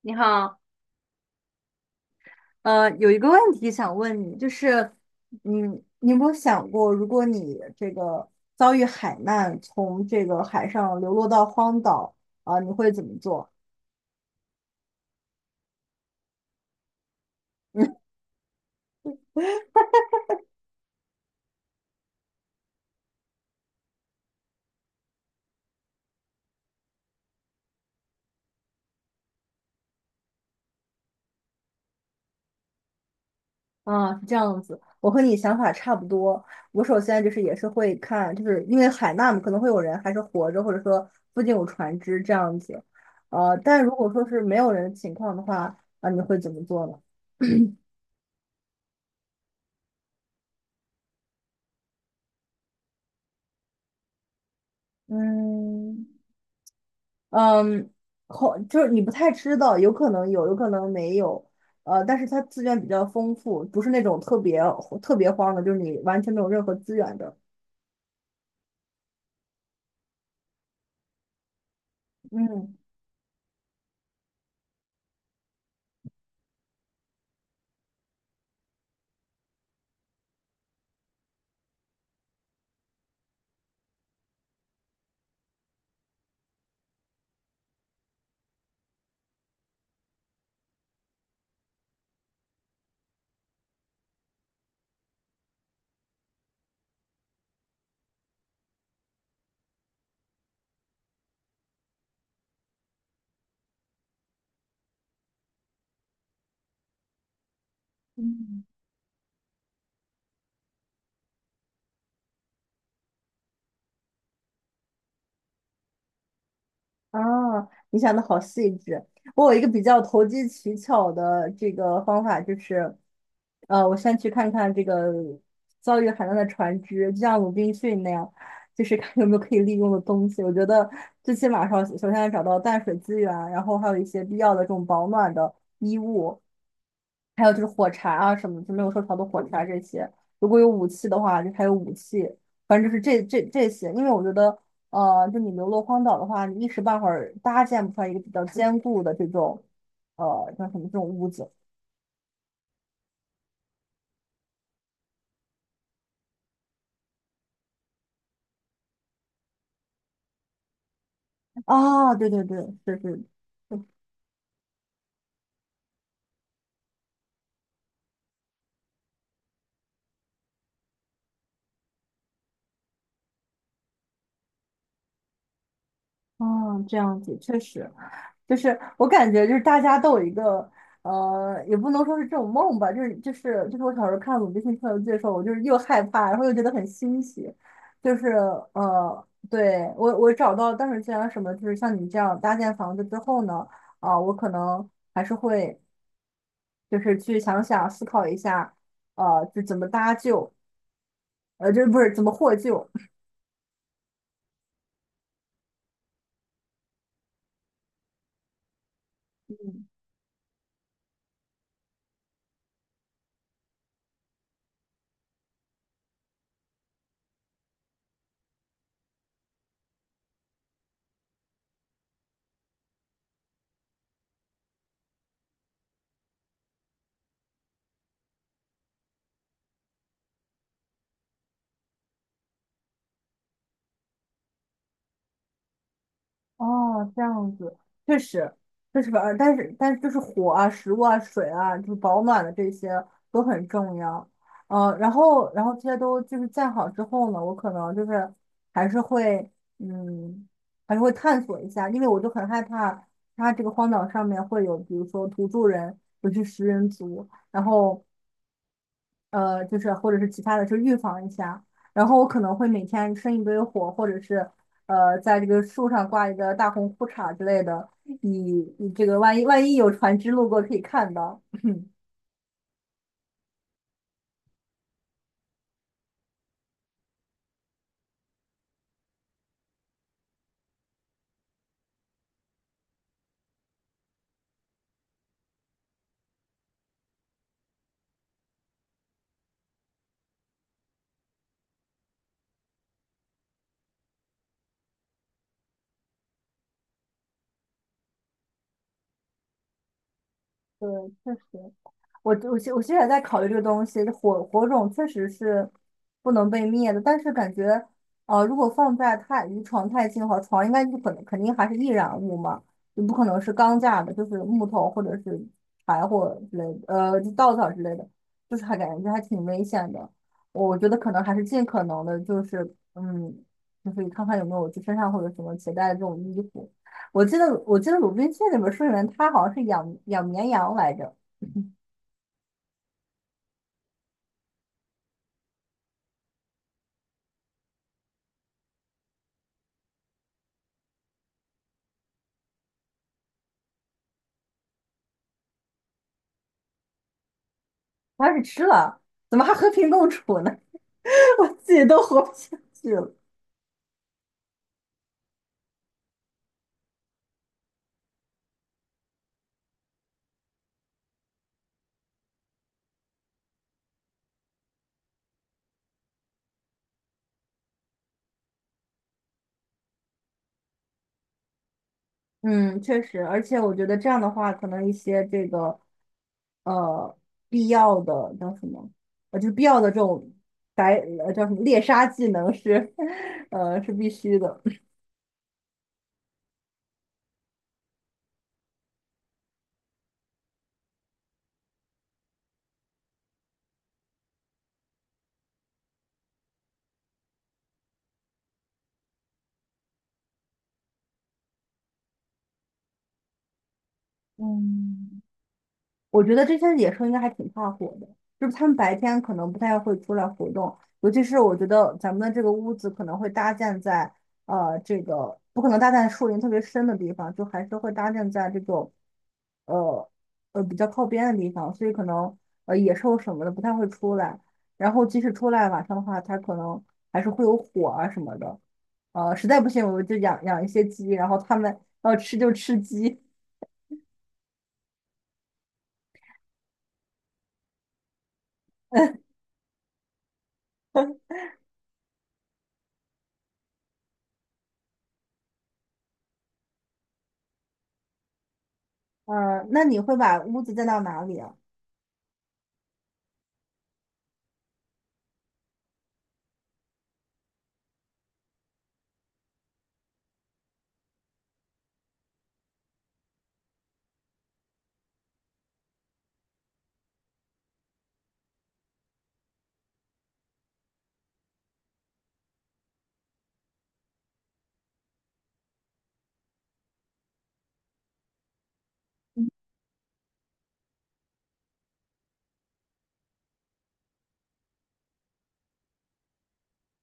你好，有一个问题想问你，就是，你有没有想过，如果你这个遭遇海难，从这个海上流落到荒岛，啊、你会怎么做？嗯啊，是这样子，我和你想法差不多。我首先就是也是会看，就是因为海难嘛，可能会有人还是活着，或者说附近有船只这样子。但如果说是没有人的情况的话，啊，你会怎么做呢？嗯。嗯。好，就是你不太知道，有可能有，有可能没有，但是它资源比较丰富，不是那种特别荒的，就是你完全没有任何资源的。嗯。嗯。啊，你想的好细致。我有一个比较投机取巧的这个方法，就是，我先去看看这个遭遇海难的船只，就像鲁滨逊那样，就是看有没有可以利用的东西。我觉得最起码上，首先要找到淡水资源，然后还有一些必要的这种保暖的衣物，还有就是火柴啊什么，就没有受潮的火柴这些。如果有武器的话，就还有武器。反正就是这些，因为我觉得就你流落荒岛的话，你一时半会儿搭建不出来一个比较坚固的这种，呃，叫什么这种屋子啊？对对对。是是。啊，这样子确实，就是我感觉就是大家都有一个，也不能说是这种梦吧，就是我小时候看《鲁滨逊漂流记》的时候，我就是又害怕，然后又觉得很欣喜，就是对我找到当时既然什么，就是像你这样搭建房子之后呢。啊，我可能还是会就是去想想思考一下，呃，就怎么搭救，呃，这不是怎么获救。嗯。哦，这样子，确实，确实，但是就是火啊、食物啊、水啊，就是保暖的这些都很重要。呃，然后这些都就是建好之后呢，我可能就是还是会，嗯，还是会探索一下，因为我就很害怕它这个荒岛上面会有，比如说土著人，尤其食人族，然后。就是或者是其他的，就预防一下。然后我可能会每天生一堆火，或者是在这个树上挂一个大红裤衩之类的，以这个万一有船只路过可以看到。对，确实。我现在在考虑这个东西，火种确实是不能被灭的，但是感觉，如果放在太离床太近的话，床应该就可能肯定还是易燃物嘛，就不可能是钢架的，就是木头或者是柴火之类的，就稻草之类的，就是还感觉还挺危险的。我觉得可能还是尽可能的，就是嗯，就是看看有没有就身上或者什么携带的这种衣服。我记得《鲁滨逊》里面说里面他好像是养绵羊来着。我要是吃了，怎么还和平共处呢？我自己都活不下去了。嗯，确实，而且我觉得这样的话，可能一些这个呃必要的叫什么，就是必要的这种白叫什么猎杀技能是 是必须的。嗯。我觉得这些野兽应该还挺怕火的，就是它们白天可能不太会出来活动，尤其是我觉得咱们的这个屋子可能会搭建在这个不可能搭建在树林特别深的地方，就还是会搭建在这种呃比较靠边的地方，所以可能野兽什么的不太会出来，然后即使出来晚上的话，它可能还是会有火啊什么的，实在不行我们就养一些鸡，然后它们要吃就吃鸡，那你会把屋子建到哪里啊？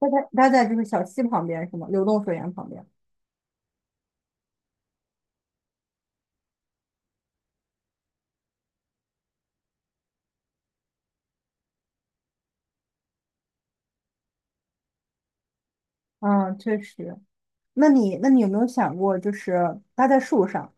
它在就是小溪旁边是吗？流动水源旁边。嗯，确实。那你有没有想过，就是搭在树上？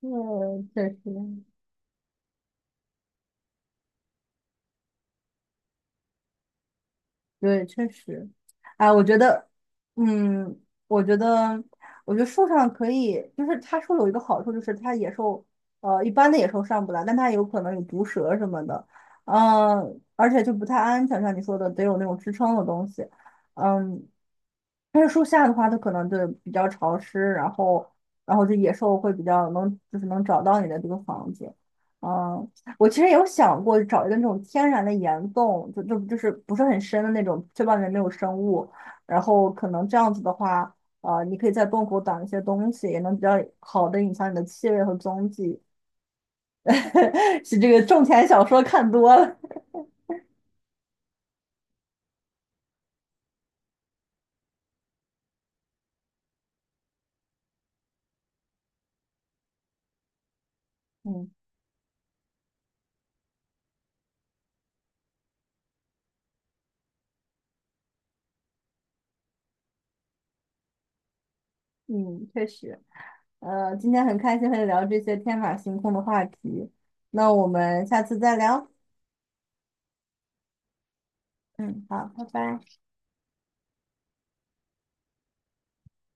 嗯，确实。对，确实，哎，我觉得，嗯，我觉得，我觉得树上可以，就是它树有一个好处，就是它野兽，一般的野兽上不来，但它有可能有毒蛇什么的，嗯，而且就不太安全，像你说的，得有那种支撑的东西，嗯，但是树下的话，它可能就比较潮湿，然后，然后这野兽会比较能，就是能找到你的这个房子，嗯，我其实有想过找一个那种天然的岩洞，就是不是很深的那种，确外面没有生物。然后可能这样子的话，你可以在洞口挡一些东西，也能比较好的隐藏你的气味和踪迹。是这个种田小说看多了，嗯。嗯，确实，今天很开心和你聊这些天马行空的话题，那我们下次再聊。嗯，好，拜拜。